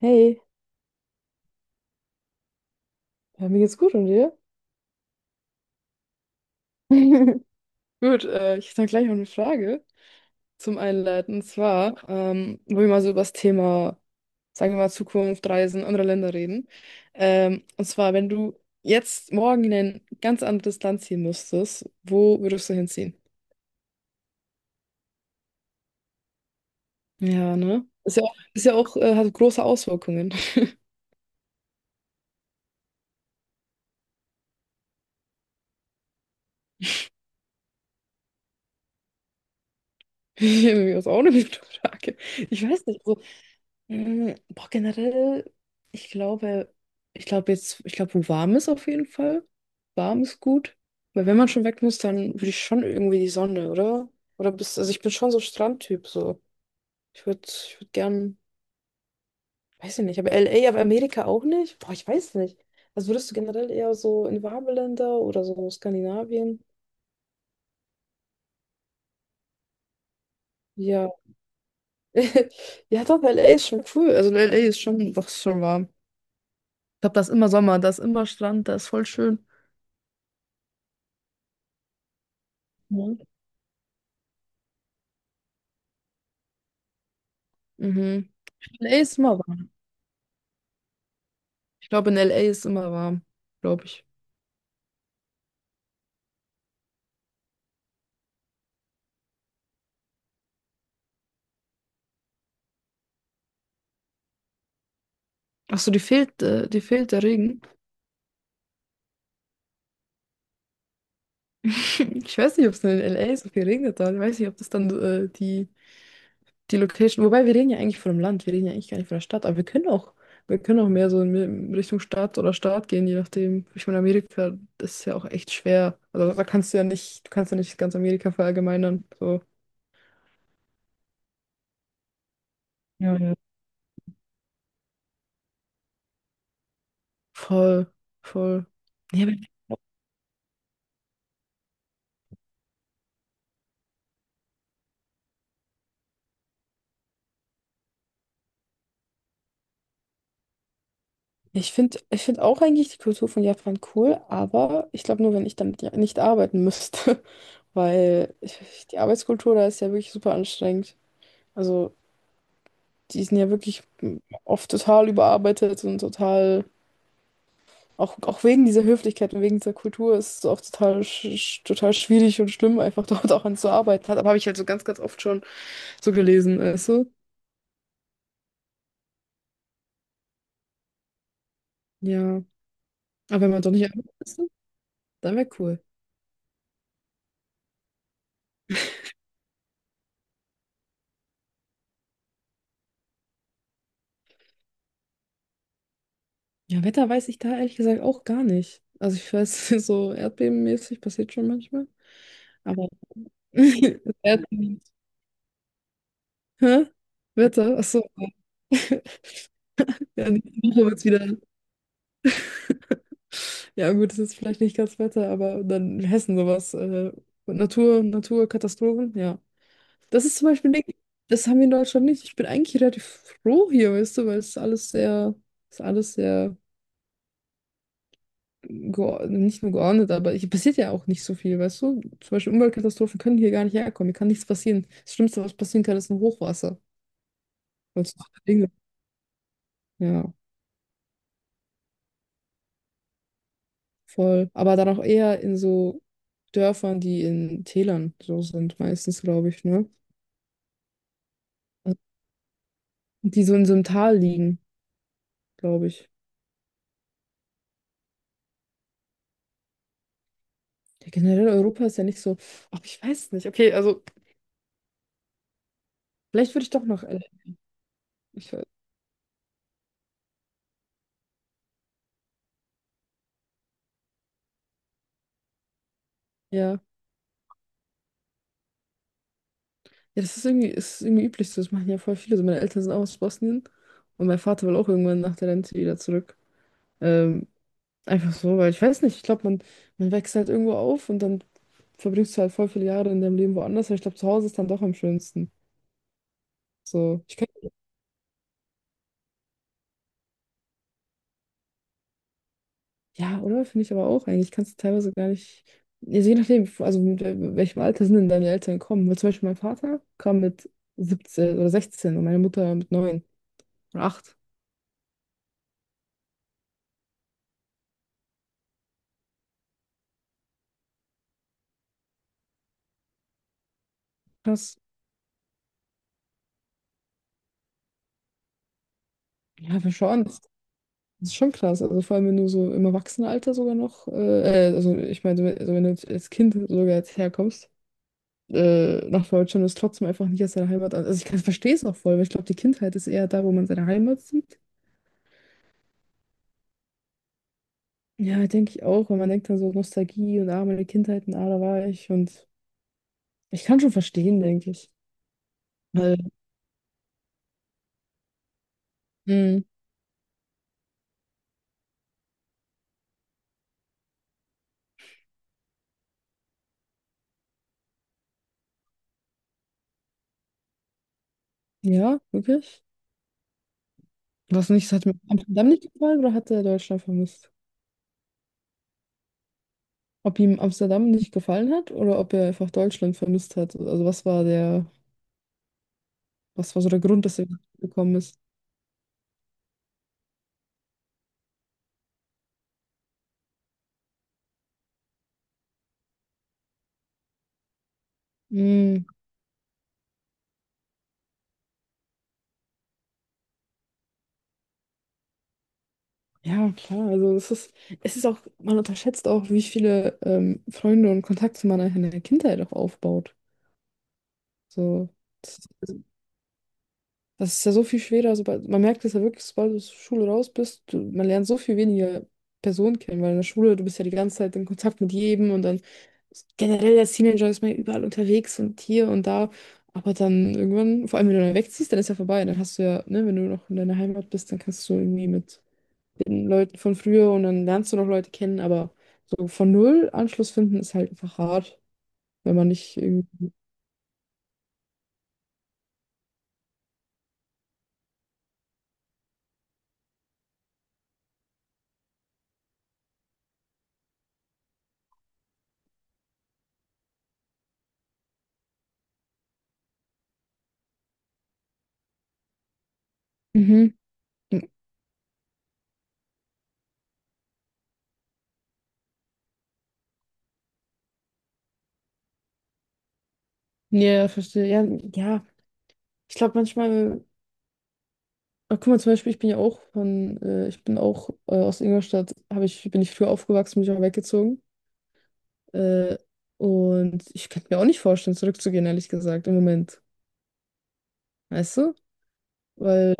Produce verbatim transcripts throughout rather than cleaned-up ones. Hey, ja, mir geht's gut und dir? Gut, äh, ich hätte dann gleich noch eine Frage zum Einleiten. Und zwar, ähm, wo wir mal so über das Thema, sagen wir mal, Zukunft, Reisen, andere Länder reden. Ähm, und zwar, wenn du jetzt morgen in ein ganz anderes Land ziehen müsstest, wo würdest du hinziehen? Ja, ne? Ist ja auch, ist ja auch äh, hat große Auswirkungen. Das ist auch eine gute Frage. Ich weiß nicht, also Mm, boah, generell, ich glaube, ich glaube jetzt, ich glaube, wo warm ist auf jeden Fall. Warm ist gut. Weil wenn man schon weg muss, dann würde ich schon irgendwie die Sonne, oder? Oder bist, also ich bin schon so Strandtyp, so. Ich würde, ich würde gern, weiß ich nicht, aber L A, aber Amerika auch nicht? Boah, ich weiß nicht. Also würdest du generell eher so in warme Länder oder so Skandinavien? Ja. Ja, doch, L A ist schon cool. Also L A ist schon, doch, ist schon warm. Ich glaube, da ist immer Sommer, da ist immer Strand, da ist voll schön. Ja. Mhm. L A ist immer warm. Ich glaube, in L A ist immer warm, glaube ich. Ach so, die fehlt, äh, die fehlt der Regen. Ich weiß nicht, ob es in L A so viel regnet hat. Ich weiß nicht, ob das dann äh, die, die Location. Wobei, wir reden ja eigentlich von dem Land, wir reden ja eigentlich gar nicht von der Stadt, aber wir können auch, wir können auch mehr so in in Richtung Stadt oder Staat gehen, je nachdem. Ich meine, Amerika, das ist ja auch echt schwer. Also da kannst du ja nicht, du kannst ja nicht ganz Amerika verallgemeinern. So. Ja, ja. Voll, voll. Ja, aber Ich finde, ich finde auch eigentlich die Kultur von Japan cool, aber ich glaube nur, wenn ich damit ja nicht arbeiten müsste, weil ich, die Arbeitskultur da ist ja wirklich super anstrengend. Also die sind ja wirklich oft total überarbeitet und total, auch, auch wegen dieser Höflichkeit und wegen dieser Kultur ist es auch total, sch sch- total schwierig und schlimm, einfach dort auch an zu arbeiten. Hat, aber habe ich halt so ganz, ganz oft schon so gelesen, weißt du? Ja, aber wenn man doch nicht arbeiten müsste, dann wäre cool. Ja, Wetter weiß ich da ehrlich gesagt auch gar nicht. Also ich weiß, so erdbebenmäßig passiert schon manchmal. Aber Erdbeben. Hä? Wetter? Achso. Ja, nächste Woche wird's wieder. Ja, gut, das ist vielleicht nicht ganz Wetter, aber dann in Hessen sowas. Äh, Natur, Naturkatastrophen, ja. Das ist zum Beispiel nicht, das haben wir in Deutschland nicht. Ich bin eigentlich relativ froh hier, weißt du, weil es ist alles sehr, es ist alles sehr geo- nicht nur geordnet, aber hier passiert ja auch nicht so viel, weißt du? Zum Beispiel Umweltkatastrophen können hier gar nicht herkommen, hier kann nichts passieren. Das Schlimmste, was passieren kann, ist ein Hochwasser. Und so Dinge. Ja, voll. Aber dann auch eher in so Dörfern, die in Tälern so sind, meistens, glaube ich, ne? Also, die so in so einem Tal liegen, glaube ich. Ja, generell Europa ist ja nicht so, ach, ich weiß nicht. Okay, also vielleicht würde ich doch noch, L A. ich, weiß- ja. Ja, das ist irgendwie, ist irgendwie üblich so. Das machen ja voll viele. So, meine Eltern sind auch aus Bosnien und mein Vater will auch irgendwann nach der Rente wieder zurück. Ähm, einfach so, weil ich weiß nicht, ich glaube, man, man wächst halt irgendwo auf und dann verbringst du halt voll viele Jahre in deinem Leben woanders, aber ich glaube, zu Hause ist dann doch am schönsten. So, ich könnte, ja, oder? Finde ich aber auch eigentlich. Kannst du teilweise gar nicht, also je nachdem, also mit wel- welchem Alter sind denn deine Eltern gekommen? Weil zum Beispiel mein Vater kam mit siebzehn oder sechzehn und meine Mutter mit neun oder acht. Krass. Ja, schon. Das ist schon krass. Also vor allem, wenn du so im Erwachsenenalter sogar noch, äh, äh, also ich meine, wenn- also wenn du jetzt als Kind sogar jetzt herkommst, äh, nach Deutschland, ist trotzdem einfach nicht aus deiner Heimat an. Also ich kann, verstehe es auch voll, weil ich glaube, die Kindheit ist eher da, wo man seine Heimat sieht. Ja, denke ich auch, weil man denkt dann so Nostalgie und ah, meine Kindheit und ah, da war ich. Und ich kann schon verstehen, denke ich. Weil, mh, ja, wirklich. Was nicht, es hat mir Amsterdam nicht gefallen oder hat er Deutschland vermisst? Ob ihm Amsterdam nicht gefallen hat oder ob er einfach Deutschland vermisst hat? Also was war der. Was war so der Grund, dass er gekommen ist? Mm, ja, klar. Also es ist, es ist auch, man unterschätzt auch, wie viele ähm, Freunde und Kontakte man in der Kindheit auch aufbaut. So, das, das ist ja so viel schwerer. Sobald, man merkt es ja wirklich, sobald du aus der Schule raus bist, du, man lernt so viel weniger Personen kennen, weil in der Schule, du bist ja die ganze Zeit in Kontakt mit jedem und dann generell als Teenager ist man ja überall unterwegs und hier und da. Aber dann irgendwann, vor allem wenn du dann wegziehst, dann ist ja vorbei. Dann hast du ja, ne, wenn du noch in deiner Heimat bist, dann kannst du irgendwie mit den Leuten von früher und dann lernst du noch Leute kennen, aber so von null Anschluss finden ist halt einfach hart, wenn man nicht irgendwie. Mhm. Ja, verstehe. Ja, ja. Ich glaube manchmal, ah, guck mal, zum Beispiel, ich bin ja auch von, äh, ich bin auch äh, aus Ingolstadt, habe ich, bin ich früher aufgewachsen, bin ich auch weggezogen. Äh, und ich könnte mir auch nicht vorstellen, zurückzugehen, ehrlich gesagt, im Moment. Weißt du? Weil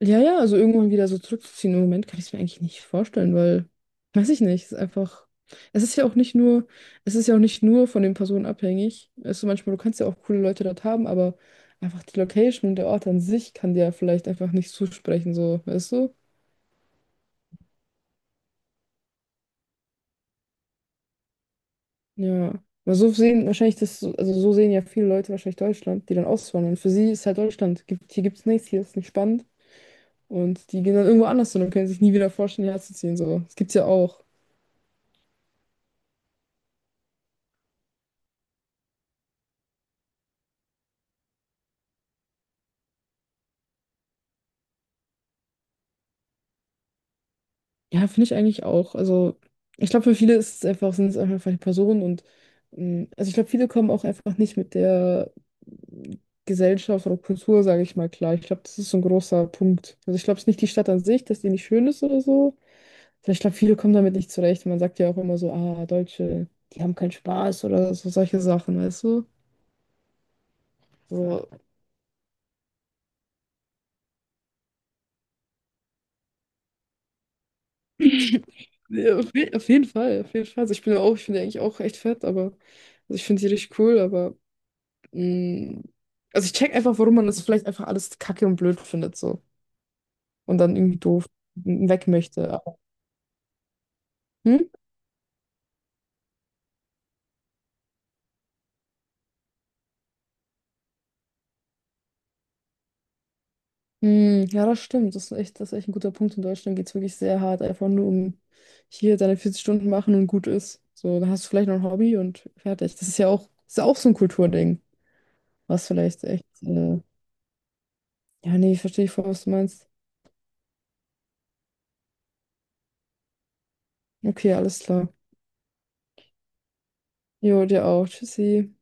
ja, ja, also irgendwann wieder so zurückzuziehen. Im Moment kann ich es mir eigentlich nicht vorstellen, weil, weiß ich nicht, es ist einfach, es ist ja auch nicht nur, es ist ja auch nicht nur von den Personen abhängig. Also manchmal, du kannst ja auch coole Leute dort haben, aber einfach die Location und der Ort an sich kann dir ja vielleicht einfach nicht zusprechen, so, weißt du? Ja. Aber so sehen wahrscheinlich das, so- also so sehen ja viele Leute wahrscheinlich Deutschland, die dann auswandern. Für sie ist halt Deutschland, gibt, hier gibt's nichts, hier ist nicht spannend. Und die gehen dann irgendwo anders hin und können sich nie wieder vorstellen, hierher zu ziehen, so. Das gibt's ja auch. Ja, finde ich eigentlich auch. Also, ich glaube, für viele ist es einfach, sind es einfach die Personen und ähm, also ich glaube, viele kommen auch einfach nicht mit der Gesellschaft oder Kultur, sage ich mal, klar. Ich glaube, das ist so ein großer Punkt. Also ich glaube, es ist nicht die Stadt an sich, dass die nicht schön ist oder so. Sondern ich glaube, viele kommen damit nicht zurecht. Man sagt ja auch immer so, ah, Deutsche, die haben keinen Spaß oder so solche Sachen, weißt du? So. Ja, auf je- auf jeden Fall, auf jeden Fall. Also ich bin ja auch, ich bin ja eigentlich auch echt fett, aber also ich finde die richtig cool, aber. Mm, also ich check einfach, warum man das vielleicht einfach alles kacke und blöd findet so und dann irgendwie doof weg möchte. Aber- Hm? Hm, ja, das stimmt. Das ist echt, das ist echt ein guter Punkt. In Deutschland geht es wirklich sehr hart, einfach nur um hier deine vierzig Stunden machen und gut ist. So, dann hast du vielleicht noch ein Hobby und fertig. Das ist ja auch, das ist ja auch so ein Kulturding, was vielleicht echt. Äh, ja, nee, verstehe ich voll, was du meinst. Okay, alles klar. Jo, dir auch. Tschüssi.